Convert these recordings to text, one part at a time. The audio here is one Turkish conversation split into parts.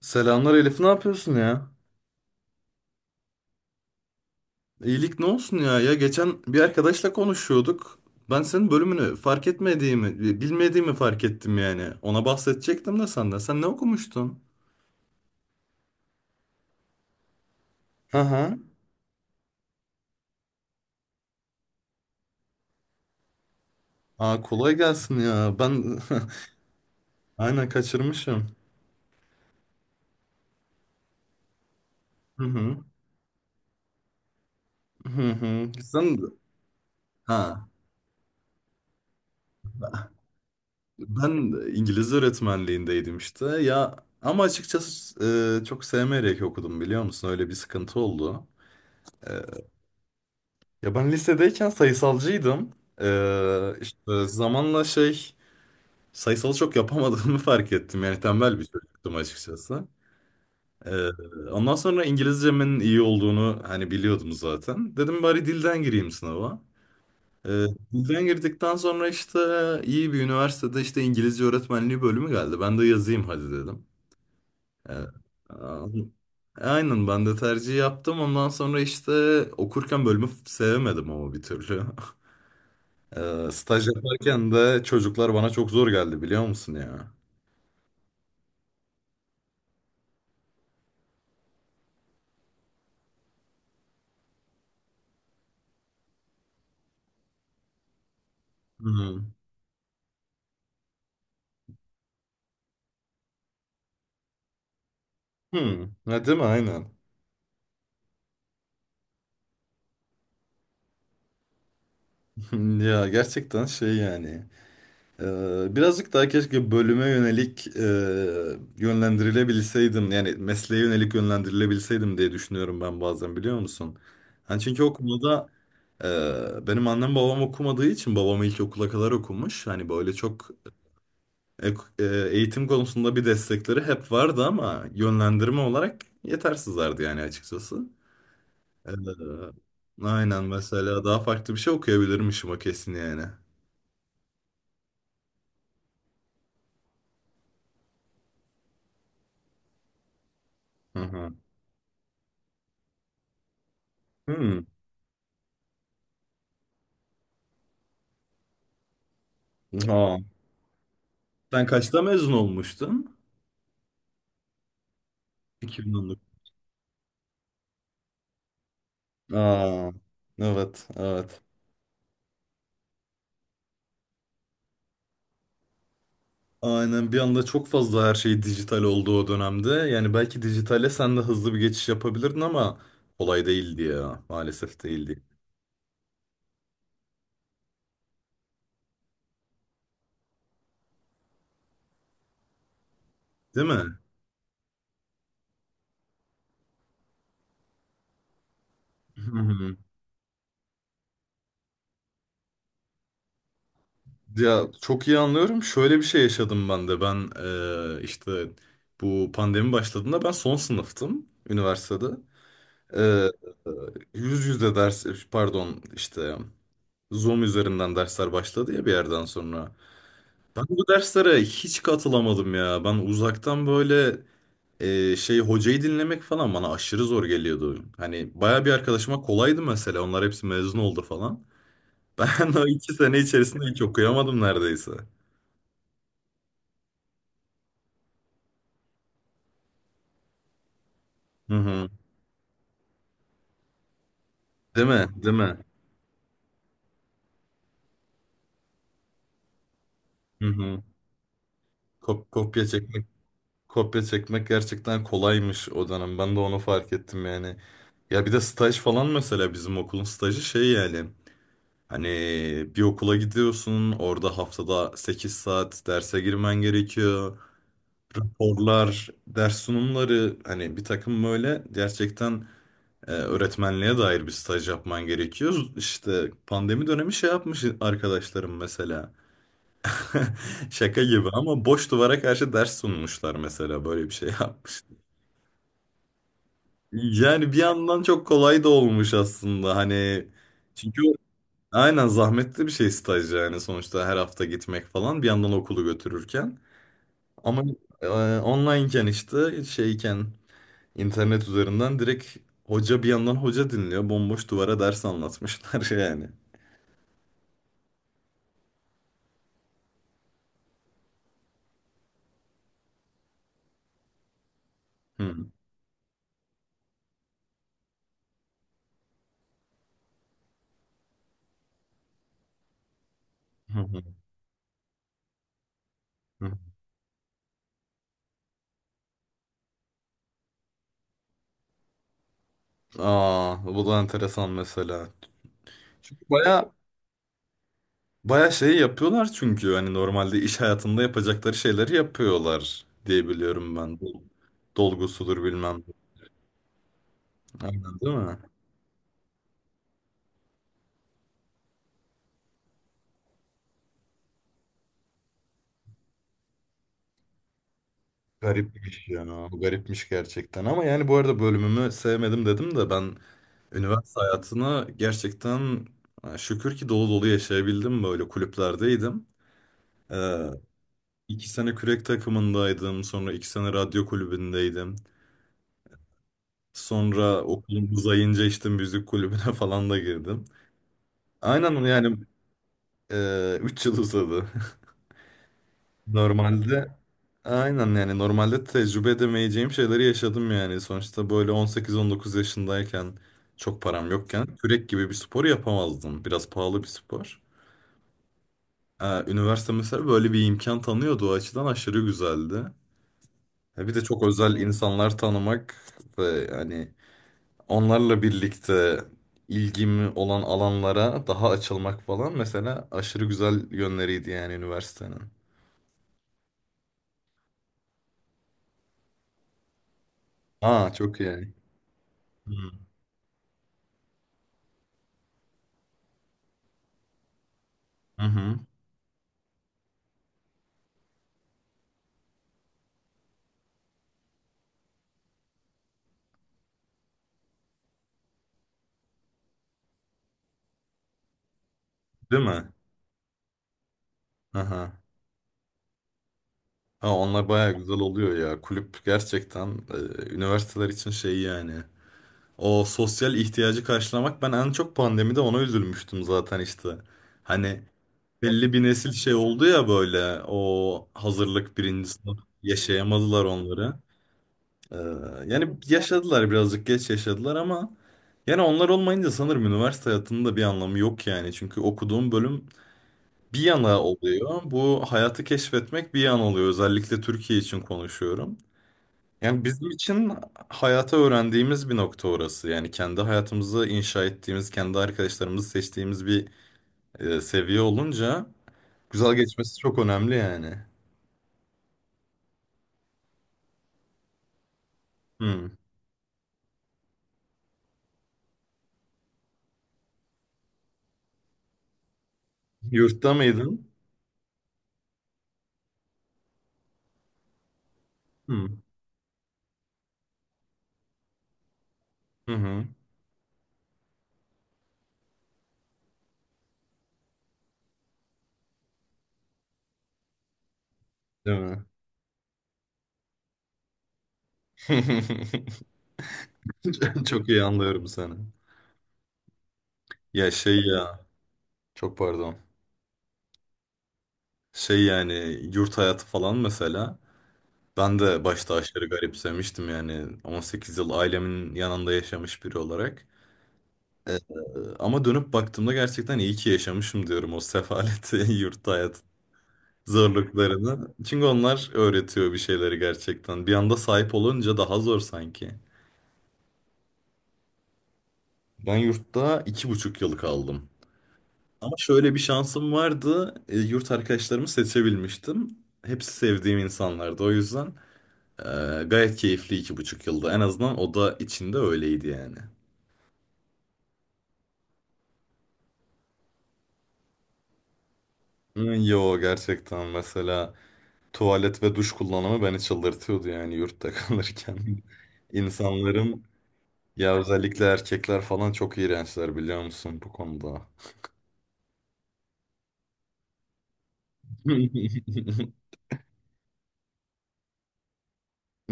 Selamlar Elif, ne yapıyorsun ya? İyilik ne olsun ya? Ya geçen bir arkadaşla konuşuyorduk. Ben senin bölümünü fark etmediğimi, bilmediğimi fark ettim yani. Ona bahsedecektim de senden. Sen ne okumuştun? Hı hı. Aa, kolay gelsin ya. Ben aynen kaçırmışım. Hı hı. Hı hı. Sen ha ben İngilizce öğretmenliğindeydim işte. Ya ama açıkçası çok sevmeyerek okudum biliyor musun? Öyle bir sıkıntı oldu. E, Ya ben lisedeyken sayısalcıydım. İşte zamanla sayısalı çok yapamadığımı fark ettim. Yani tembel bir çocuktum açıkçası. Ee, ondan sonra İngilizcemin iyi olduğunu hani biliyordum zaten. Dedim bari dilden gireyim sınava. Ee, dilden girdikten sonra işte iyi bir üniversitede işte İngilizce öğretmenliği bölümü geldi. Ben de yazayım hadi dedim. Ee, Aynen ben de tercih yaptım. Ondan sonra işte okurken bölümü sevemedim ama bir türlü. Staj yaparken de çocuklar bana çok zor geldi biliyor musun ya? Hı hı. Ha, değil mi? Aynen. Ya gerçekten şey yani. Birazcık daha keşke bölüme yönelik yönlendirilebilseydim. Yani mesleğe yönelik yönlendirilebilseydim diye düşünüyorum ben bazen biliyor musun? Hani çünkü benim annem babam okumadığı için babam ilkokula kadar okumuş. Hani böyle çok ek- e, eğitim konusunda bir destekleri hep vardı ama yönlendirme olarak yetersizlerdi yani açıkçası. Ee, aynen mesela daha farklı bir şey okuyabilirmişim, o kesin yani. Hı hı. Hmm. Aa. Sen kaçta mezun olmuştun? 2019. Aa, evet, evet. Aynen, bir anda çok fazla her şey dijital oldu o dönemde. Yani belki dijitale sen de hızlı bir geçiş yapabilirdin ama kolay değildi ya. Maalesef değildi. Değil mi? Ya çok iyi anlıyorum. Şöyle bir şey yaşadım ben de. Ben işte bu pandemi başladığında ben son sınıftım üniversitede. Eee, yüz yüze ders, pardon, işte Zoom üzerinden dersler başladı ya bir yerden sonra. Ben bu derslere hiç katılamadım ya. Ben uzaktan böyle hocayı dinlemek falan bana aşırı zor geliyordu. Hani baya bir arkadaşıma kolaydı mesela. Onlar hepsi mezun oldu falan. Ben o iki sene içerisinde hiç okuyamadım neredeyse. Hı hı. Değil mi? Değil mi? Hı hı. Kop- kopya çekmek kopya çekmek gerçekten kolaymış o dönem. Ben de onu fark ettim yani. Ya bir de staj falan mesela, bizim okulun stajı şey yani. Hani bir okula gidiyorsun, orada haftada 8 saat derse girmen gerekiyor. Raporlar, ders sunumları, hani bir takım böyle gerçekten öğretmenliğe dair bir staj yapman gerekiyor. İşte pandemi dönemi şey yapmış arkadaşlarım mesela. Şaka gibi ama boş duvara karşı ders sunmuşlar mesela, böyle bir şey yapmış. Yani bir yandan çok kolay da olmuş aslında hani, çünkü aynen zahmetli bir şey staj yani, sonuçta her hafta gitmek falan bir yandan okulu götürürken ama e, onlineken işte şeyken internet üzerinden direkt hoca bir yandan hoca dinliyor, bomboş duvara ders anlatmışlar yani. Hı. Hı hı. Hı. Aa, bu da enteresan mesela. Çünkü bayağı şey yapıyorlar, çünkü hani normalde iş hayatında yapacakları şeyleri yapıyorlar diye biliyorum ben. Dolgusudur bilmem. Aynen, değil mi? Garipmiş ya. Garipmiş gerçekten. Ama yani bu arada bölümümü sevmedim dedim de, ben üniversite hayatını gerçekten şükür ki dolu dolu yaşayabildim. Böyle kulüplerdeydim. Ee, 2 sene kürek takımındaydım. Sonra 2 sene radyo kulübündeydim. Sonra okulum uzayınca işte müzik kulübüne falan da girdim. Aynen yani. 3 yıl uzadı. Normalde, aynen yani, normalde tecrübe edemeyeceğim şeyleri yaşadım yani. Sonuçta böyle 18-19 yaşındayken çok param yokken kürek gibi bir spor yapamazdım. Biraz pahalı bir spor. Üniversite mesela böyle bir imkan tanıyordu. O açıdan aşırı güzeldi. Bir de çok özel insanlar tanımak ve hani onlarla birlikte ilgimi olan alanlara daha açılmak falan mesela aşırı güzel yönleriydi yani üniversitenin. Aa, çok iyi. Hı hı. Değil mi? Aha. Ha, onlar bayağı güzel oluyor ya. Kulüp gerçekten üniversiteler için şey yani. O sosyal ihtiyacı karşılamak, ben en çok pandemide ona üzülmüştüm zaten işte. Hani belli bir nesil şey oldu ya böyle, o hazırlık, birinci sınıf yaşayamadılar onları. Ee, yani yaşadılar, birazcık geç yaşadılar ama yani onlar olmayınca sanırım üniversite hayatının da bir anlamı yok yani. Çünkü okuduğum bölüm bir yana oluyor. Bu hayatı keşfetmek bir yana oluyor. Özellikle Türkiye için konuşuyorum. Yani bizim için hayata öğrendiğimiz bir nokta orası. Yani kendi hayatımızı inşa ettiğimiz, kendi arkadaşlarımızı seçtiğimiz bir seviye olunca güzel geçmesi çok önemli yani. Hmm. Yurtta mıydın? Hmm. Hı hı. Değil mi? Çok iyi anlıyorum seni. Ya şey ya, çok pardon. Şey yani, yurt hayatı falan mesela. Ben de başta aşırı garipsemiştim yani, 18 yıl ailemin yanında yaşamış biri olarak. Ee, Ama dönüp baktığımda gerçekten iyi ki yaşamışım diyorum o sefaleti, yurt hayat zorluklarını. Çünkü onlar öğretiyor bir şeyleri gerçekten. Bir anda sahip olunca daha zor sanki. Ben yurtta 2,5 yıl kaldım. Ama şöyle bir şansım vardı. Yurt arkadaşlarımı seçebilmiştim. Hepsi sevdiğim insanlardı. O yüzden e, gayet keyifli 2,5 yılda. En azından oda içinde öyleydi yani. Hı. Yo, gerçekten mesela tuvalet ve duş kullanımı beni çıldırtıyordu yani yurtta kalırken. İnsanların, ya özellikle erkekler falan çok iğrençler biliyor musun bu konuda.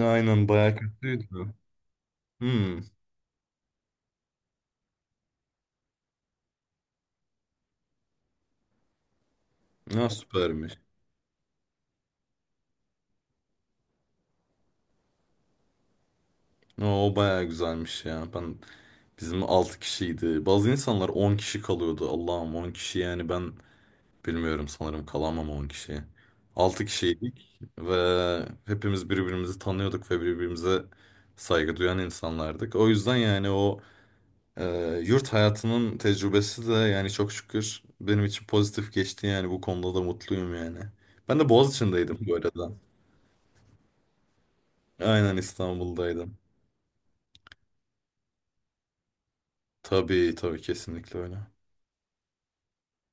Aynen, bayağı kötüydü. Hmm. Ya süpermiş. O bayağı güzelmiş ya. Bizim 6 kişiydi. Bazı insanlar 10 kişi kalıyordu. Allah'ım, 10 kişi yani ben bilmiyorum, sanırım kalamam 10 kişi. 6 kişiydik ve hepimiz birbirimizi tanıyorduk ve birbirimize saygı duyan insanlardık. O yüzden yani yurt hayatının tecrübesi de yani, çok şükür benim için pozitif geçti yani, bu konuda da mutluyum yani. Ben de Boğaziçi'ndeydim bu arada. Aynen, İstanbul'daydım. Tabii tabii, kesinlikle öyle.